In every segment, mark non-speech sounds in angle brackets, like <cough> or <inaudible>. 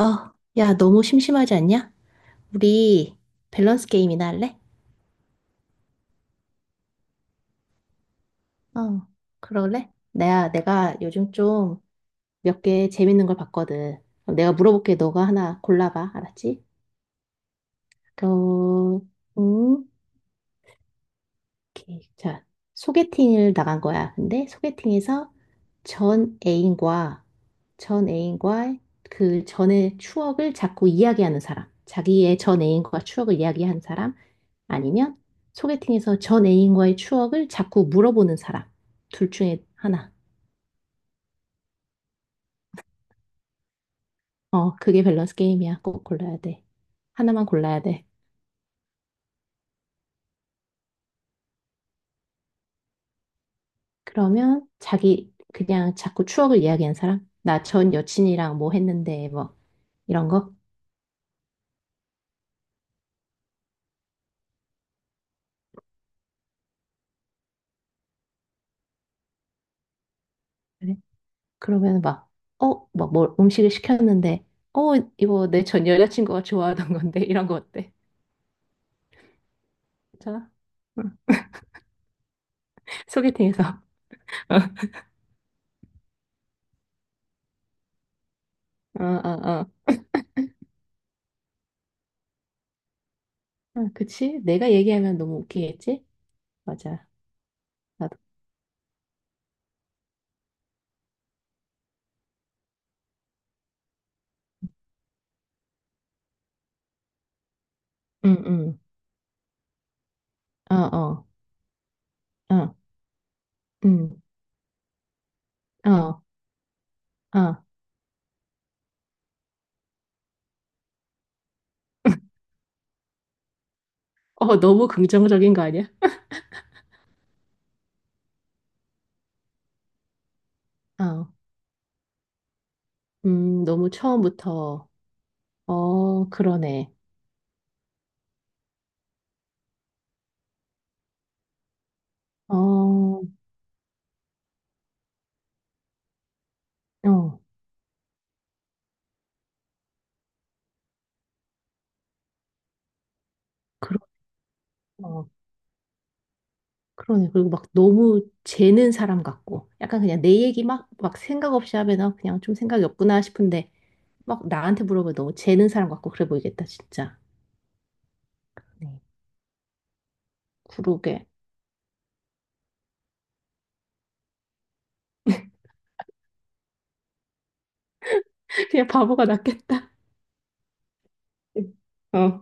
어, 야, 너무 심심하지 않냐? 우리 밸런스 게임이나 할래? 어, 그럴래? 내가 요즘 좀 몇 개 재밌는 걸 봤거든. 그럼 내가 물어볼게. 너가 하나 골라봐. 알았지? 그럼, 음, 오케이. 자, 소개팅을 나간 거야. 근데 소개팅에서 전 애인과 전 애인과 그 전의 추억을 자꾸 이야기하는 사람, 자기의 전 애인과 추억을 이야기한 사람, 아니면 소개팅에서 전 애인과의 추억을 자꾸 물어보는 사람, 둘 중에 하나. 어, 그게 밸런스 게임이야. 꼭 골라야 돼. 하나만 골라야 돼. 그러면 자기 그냥 자꾸 추억을 이야기한 사람, 나 전 여친이랑 뭐 했는데 뭐 이런 거. 그래? 그러면 막 뭘 음식을 시켰는데, 어, 이거 내 전 여자친구가 좋아하던 건데, 이런 거 어때? 괜찮아? 응. 소개팅에서. <laughs> 어, 어, 어. 응, 그치? 내가 얘기하면 너무 웃기겠지? 맞아. 나도. 응, 응. 어, 어. 어, 응. 어, 어. 너무 긍정적인 거 아니야? 어. 너무 처음부터. 어, 그러네. 어, 어. 그러, 어. 그러네. 그리고 막 너무 재는 사람 같고, 약간 그냥 내 얘기 막 생각 없이 하면 어, 그냥 좀 생각이 없구나 싶은데, 막 나한테 물어보면 너무 재는 사람 같고, 그래 보이겠다, 진짜. 네. 그러게. <laughs> 그냥 바보가 낫겠다. 어.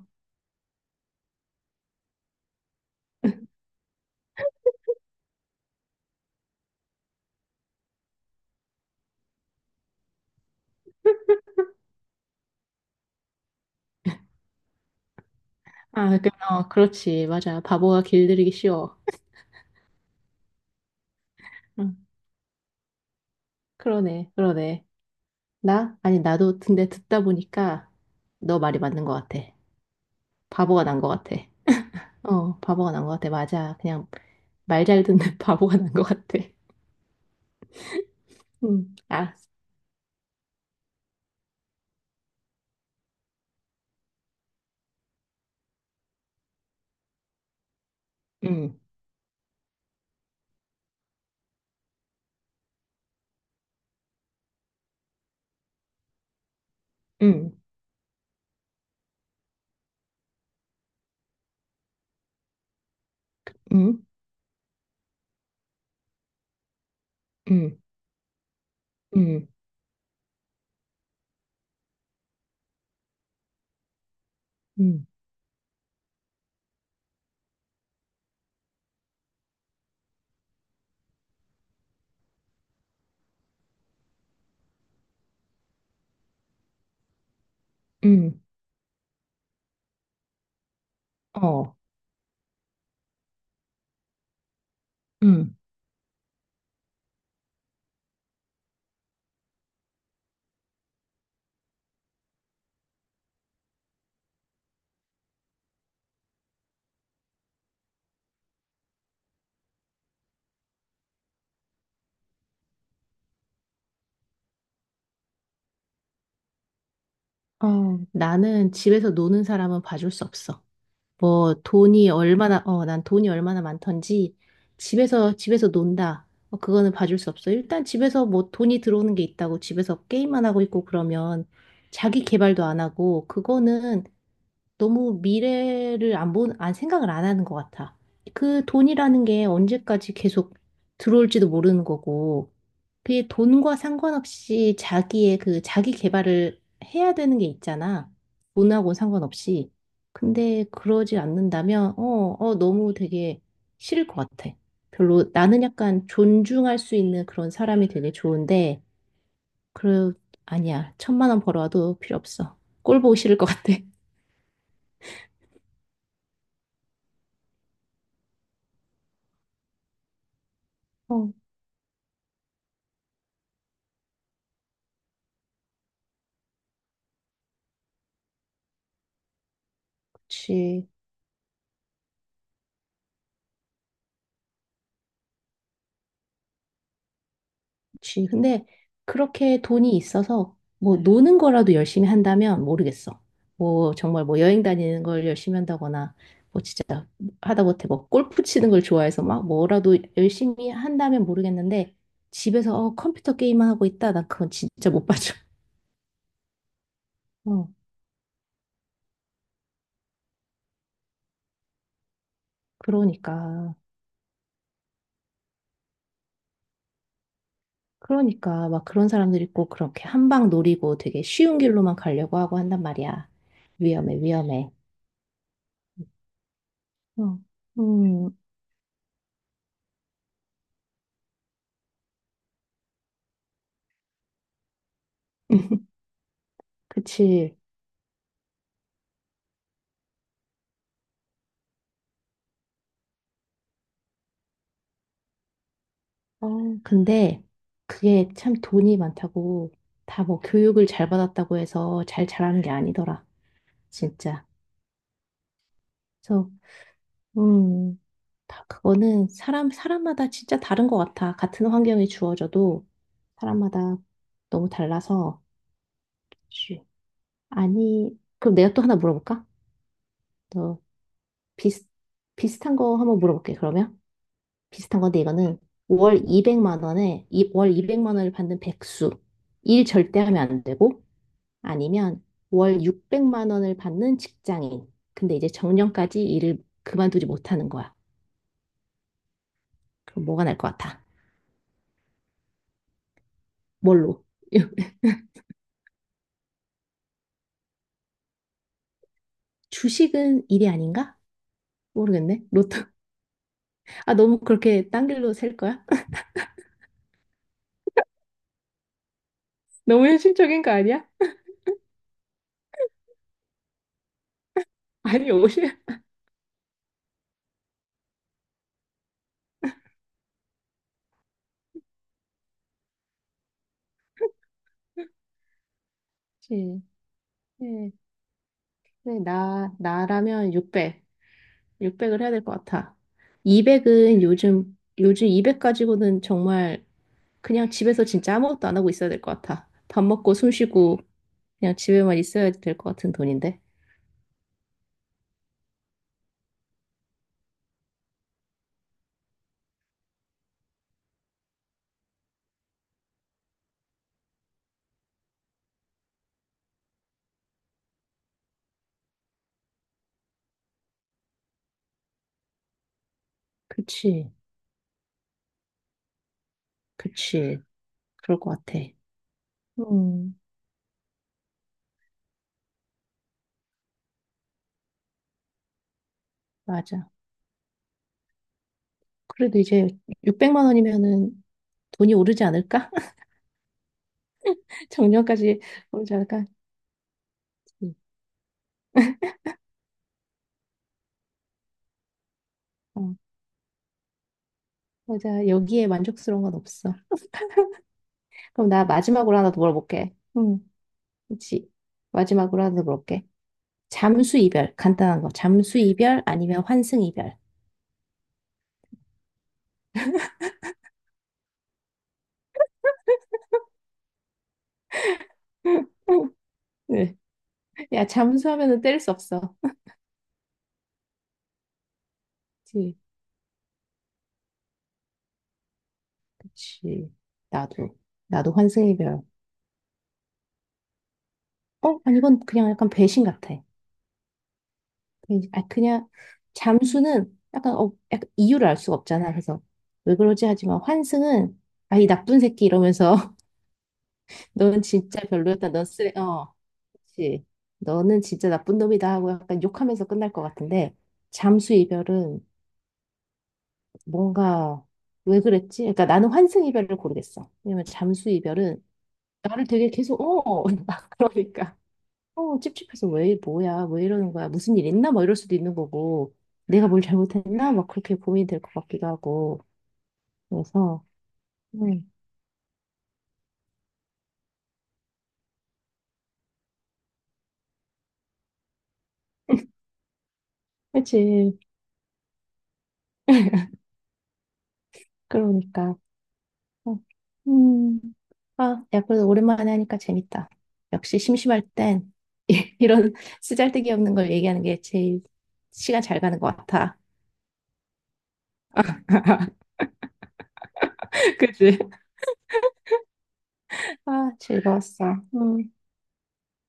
그렇지. 맞아. 바보가 길들이기 쉬워. 응. 그러네, 그러네. 나? 아니, 나도 근데 듣다 보니까 너 말이 맞는 것 같아. 바보가 난 것 같아. 어, 바보가 난 것 같아. 맞아. 그냥 말 잘 듣는 <laughs> 바보가 난 것 같아. 응. 아, 응. 응. 응. 응. 응. 응. 응. 어, 응. 어, 나는 집에서 노는 사람은 봐줄 수 없어. 뭐, 돈이 얼마나, 어, 난 돈이 얼마나 많던지, 집에서 논다. 어, 그거는 봐줄 수 없어. 일단 집에서 뭐 돈이 들어오는 게 있다고 집에서 게임만 하고 있고 그러면 자기 개발도 안 하고, 그거는 너무 미래를 안 생각을 안 하는 것 같아. 그 돈이라는 게 언제까지 계속 들어올지도 모르는 거고, 그게 돈과 상관없이 자기의 그 자기 개발을 해야 되는 게 있잖아. 돈하고 상관없이. 근데 그러지 않는다면, 너무 되게 싫을 것 같아. 별로 나는 약간 존중할 수 있는 그런 사람이 되게 좋은데, 그, 아니야. 1,000만 원 벌어와도 필요 없어. 꼴 보기 싫을 것 같아. <laughs> 어, 그치. 그치. 근데 그렇게 돈이 있어서 뭐 노는 거라도 열심히 한다면 모르겠어. 뭐 정말 뭐 여행 다니는 걸 열심히 한다거나 뭐 진짜 하다못해 뭐 골프 치는 걸 좋아해서 막 뭐라도 열심히 한다면 모르겠는데 집에서 어, 컴퓨터 게임만 하고 있다. 난 그건 진짜 못 봐줘. <laughs> 어, 그러니까. 그러니까 막 그런 사람들 있고 그렇게 한 방 노리고 되게 쉬운 길로만 가려고 하고 한단 말이야. 위험해, 위험해. 어. 음. <laughs> 그치. 어, 근데 그게 참 돈이 많다고 다 뭐 교육을 잘 받았다고 해서 잘 자라는 게 아니더라. 진짜. 그래서 음, 다 그거는 사람마다 진짜 다른 것 같아. 같은 환경이 주어져도 사람마다 너무 달라서 쉬. 아니, 그럼 내가 또 하나 물어볼까? 또 비슷 비슷한 거 한번 물어볼게. 그러면 비슷한 건데 이거는 월 200만 원을 받는 백수. 일 절대 하면 안 되고 아니면 월 600만 원을 받는 직장인. 근데 이제 정년까지 일을 그만두지 못하는 거야. 그럼 뭐가 날 것 같아? 뭘로? <laughs> 주식은 일이 아닌가? 모르겠네. 로또. 아, 너무 그렇게 딴 길로 셀 거야? <laughs> 너무 현실적인 거 아니야? <laughs> 아니, 오히 그치. 네, 네, 나라면 600. 600을 해야 될 것 같아. 200은 요즘 200 가지고는 정말 그냥 집에서 진짜 아무것도 안 하고 있어야 될 것 같아. 밥 먹고 숨 쉬고 그냥 집에만 있어야 될 것 같은 돈인데. 그치, 그치. 그럴 것 같아. 음. 맞아. 그래도 이제 600만 원이면은 돈이 오르지 않을까? <laughs> 정년까지 오르지 않을까? 음. 어, 맞아. 여기에 만족스러운 건 없어. 그럼 나 마지막으로 하나 더 물어볼게. 음. 그치. 마지막으로 하나 더 물어볼게. 잠수 이별. 간단한 거. 잠수 이별 아니면 환승 이별. <laughs> 네. 야, 잠수하면은 때릴 수 없어. 그치, 그치. 나도, 나도 환승의 별. 어? 아니, 이건 그냥 약간 배신 같아. 그냥, 잠수는 약간 이유를 알 수가 없잖아. 그래서, 왜 그러지 하지만 환승은, 아, 이 나쁜 새끼 이러면서, <laughs> 너는 진짜 별로였다. 그치. 너는 진짜 나쁜 놈이다 하고 약간 욕하면서 끝날 것 같은데, 잠수 이별은 뭔가, 왜 그랬지? 그러니까 나는 환승 이별을 고르겠어. 왜냐면 잠수 이별은 나를 되게 계속 어 <laughs> 막 그러니까 어 찝찝해서 왜 뭐야 왜 이러는 거야 무슨 일 있나 막 이럴 수도 있는 거고 내가 뭘 잘못했나 막 그렇게 고민이 될 것 같기도 하고 그래서 음 그치 <laughs> 그러니까 어. 음, 아, 야, 그래도 오랜만에 하니까 재밌다. 역시 심심할 땐 <laughs> 이런 쓰잘데기 없는 걸 얘기하는 게 제일 시간 잘 가는 것 같아. <laughs> 그치? 아, 즐거웠어. 음,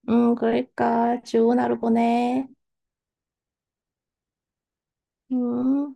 음, 그러니까 좋은 하루 보내. 음.